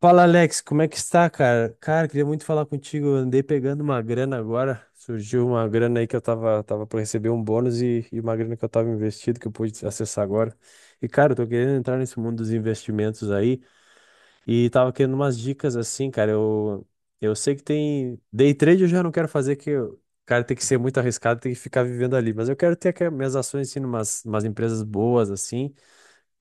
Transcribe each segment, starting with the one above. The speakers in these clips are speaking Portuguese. Fala Alex, como é que está, cara? Cara, queria muito falar contigo. Eu andei pegando uma grana agora. Surgiu uma grana aí que eu tava para receber um bônus e uma grana que eu tava investido que eu pude acessar agora. E, cara, eu tô querendo entrar nesse mundo dos investimentos aí e tava querendo umas dicas assim, cara. Eu sei que tem. Day trade eu já não quero fazer, cara, tem que ser muito arriscado, tem que ficar vivendo ali. Mas eu quero ter aquelas minhas ações assim, em umas empresas boas assim.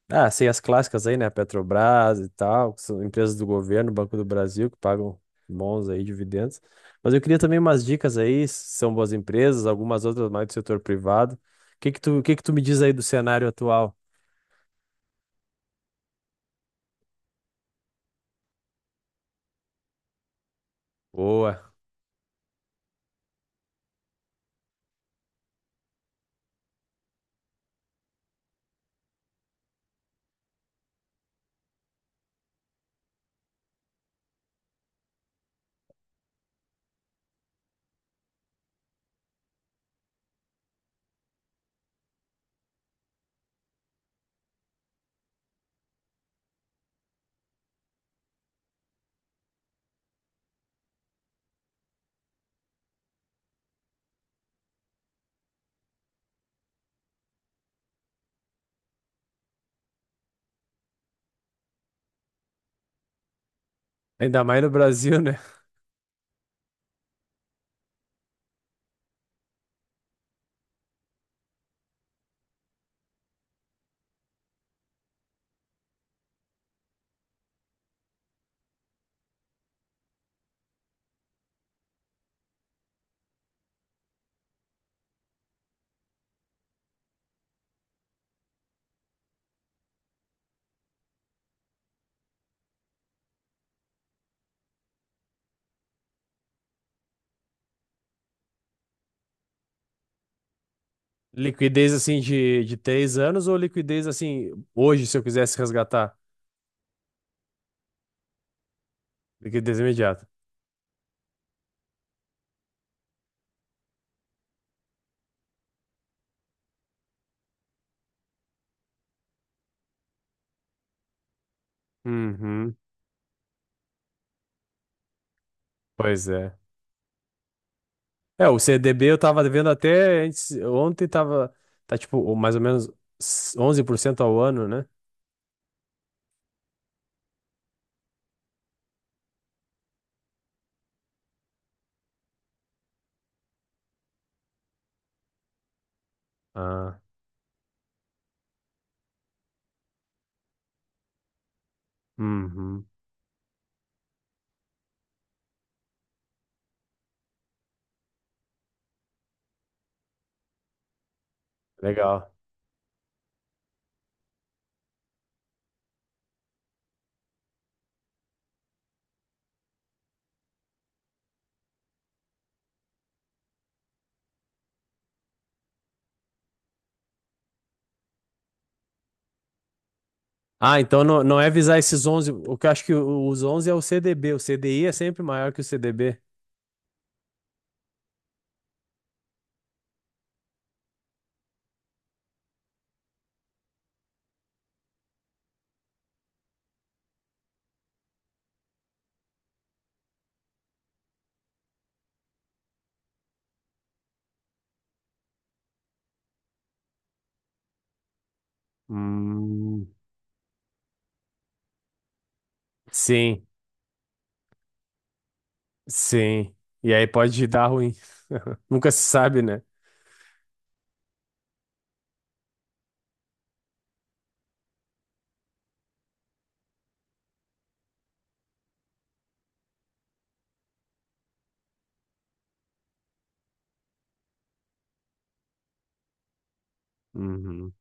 Ah, sei as clássicas aí, né? Petrobras e tal, que são empresas do governo, Banco do Brasil, que pagam bons aí dividendos. Mas eu queria também umas dicas aí, se são boas empresas, algumas outras mais do setor privado. O que que tu me diz aí do cenário atual? Boa. Ainda mais no Brasil, né? Liquidez assim de 3 anos ou liquidez assim hoje, se eu quisesse resgatar? Liquidez imediata. Uhum. Pois é. É, o CDB eu tava devendo até ontem tá tipo mais ou menos 11% ao ano, né? Ah, uhum, legal. Ah, então não, não é visar esses onze, o que eu acho que os 11 é o CDB, o CDI é sempre maior que o CDB. Hum, sim, sim. E aí pode dar ruim. Nunca se sabe, né? Uhum.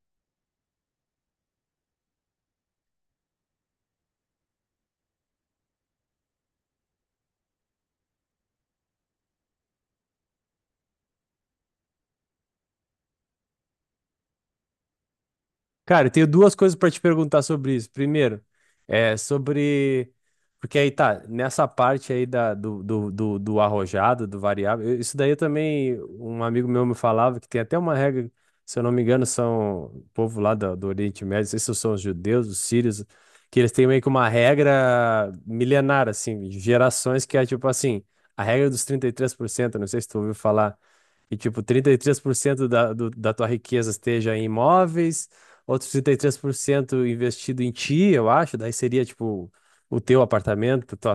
Cara, eu tenho duas coisas pra te perguntar sobre isso. Primeiro, é sobre. Porque aí tá, nessa parte aí da, do, do, do, do arrojado, do variável, isso daí eu também, um amigo meu me falava que tem até uma regra, se eu não me engano, são o povo lá do Oriente Médio, não sei se são os judeus, os sírios, que eles têm meio que uma regra milenar, assim, de gerações, que é tipo assim, a regra dos 33%. Não sei se tu ouviu falar. E, tipo, 33% da tua riqueza esteja em imóveis, outros 33% investido em ti, eu acho, daí seria tipo o teu apartamento, tua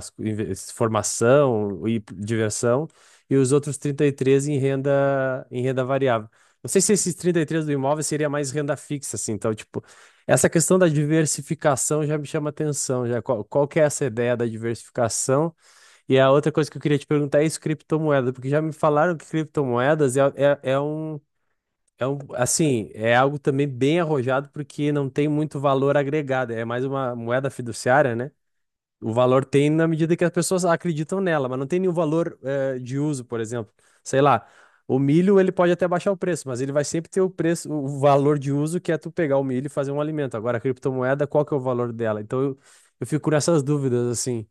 formação e diversão, e os outros 33 em renda variável. Não sei se esses 33 do imóvel seria mais renda fixa, assim, então, tipo, essa questão da diversificação já me chama atenção. Já qual que é essa ideia da diversificação? E a outra coisa que eu queria te perguntar é isso, criptomoeda, porque já me falaram que criptomoedas assim, é algo também bem arrojado, porque não tem muito valor agregado. É mais uma moeda fiduciária, né? O valor tem na medida que as pessoas acreditam nela, mas não tem nenhum valor, de uso, por exemplo. Sei lá, o milho ele pode até baixar o preço, mas ele vai sempre ter o preço, o valor de uso, que é tu pegar o milho e fazer um alimento. Agora, a criptomoeda, qual que é o valor dela? Então eu fico nessas dúvidas, assim.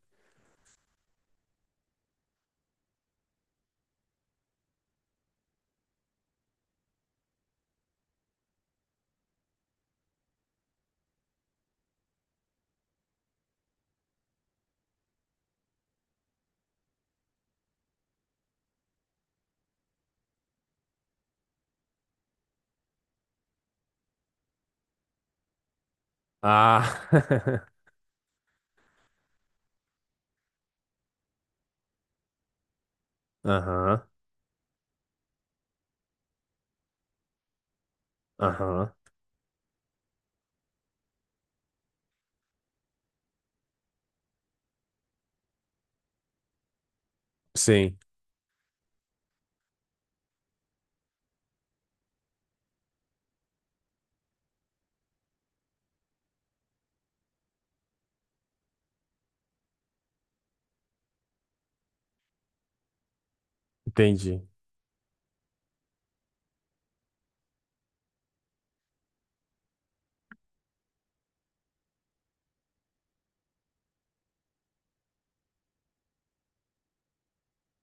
Ah, aham, aham. Sim, entendi.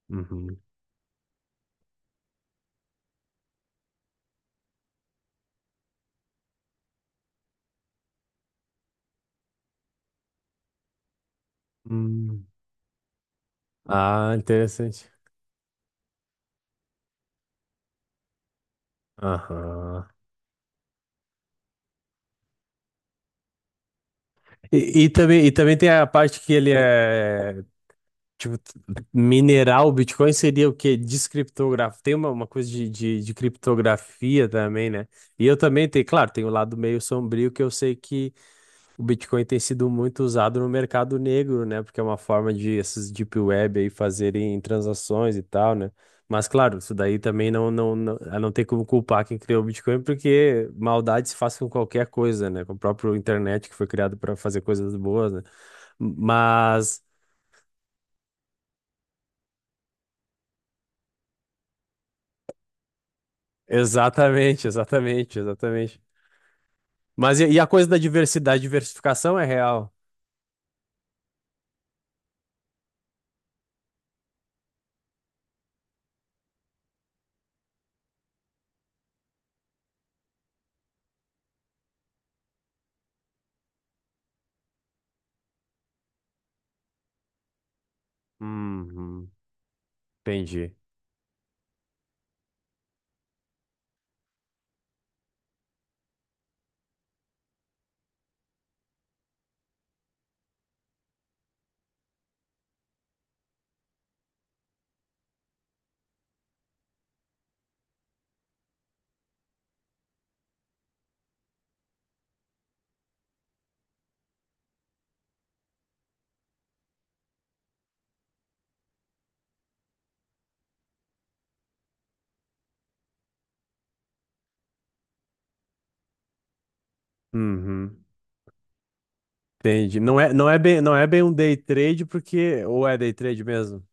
Uhum. Hum. Ah, interessante. Aham. E também tem a parte que ele é, tipo, mineral. O Bitcoin seria o quê? Descriptografia. Tem uma coisa de criptografia também, né? E eu também tenho, claro, tem o lado meio sombrio, que eu sei. O Bitcoin tem sido muito usado no mercado negro, né? Porque é uma forma de esses deep web aí fazerem transações e tal, né? Mas claro, isso daí também não tem como culpar quem criou o Bitcoin, porque maldade se faz com qualquer coisa, né? Com o próprio internet, que foi criado para fazer coisas boas, né? Mas exatamente, exatamente, exatamente. Mas e a coisa da diversidade, diversificação é real. Uhum, entendi. Uhum. Entendi. Não é bem um day trade, porque ou é day trade mesmo?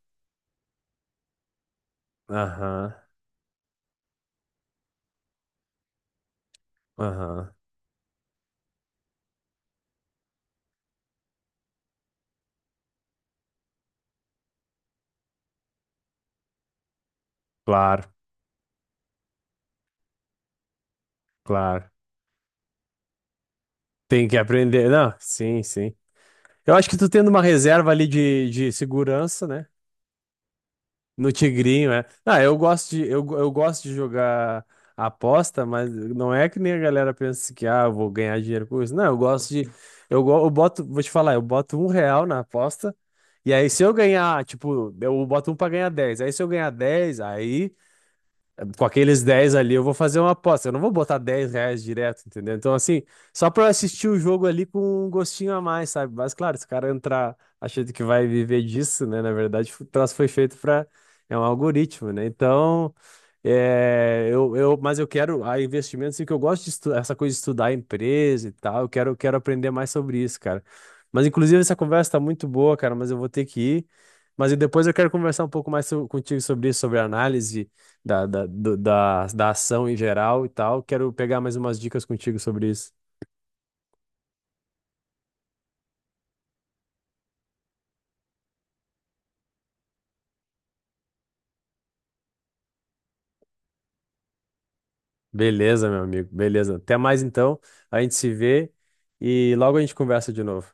Aham. Aham. Claro, claro. Tem que aprender. Não, sim, sim. Eu acho que tu tendo uma reserva ali de segurança, né? No tigrinho, é. Ah, eu gosto de jogar aposta, mas não é que nem a galera pensa, que ah, eu vou ganhar dinheiro com isso. Não, eu gosto de eu, go- eu boto, vou te falar, eu boto um real na aposta. E aí, se eu ganhar, tipo, eu boto um pra ganhar dez. Aí, se eu ganhar dez, aí, com aqueles 10 ali, eu vou fazer uma aposta. Eu não vou botar 10 reais direto, entendeu? Então, assim, só pra eu assistir o jogo ali com um gostinho a mais, sabe? Mas, claro, se o cara entrar achando que vai viver disso, né? Na verdade, o troço foi feito pra. É um algoritmo, né? Então, é, mas eu quero a investimento, assim, que eu gosto de estudar, essa coisa de estudar a empresa e tal. Eu quero aprender mais sobre isso, cara. Mas, inclusive, essa conversa tá muito boa, cara, mas eu vou ter que ir. Mas e depois eu quero conversar um pouco mais contigo sobre isso, sobre análise da ação em geral e tal. Quero pegar mais umas dicas contigo sobre isso. Beleza, meu amigo, beleza. Até mais, então. A gente se vê e logo a gente conversa de novo.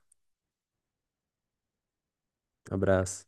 Abraço.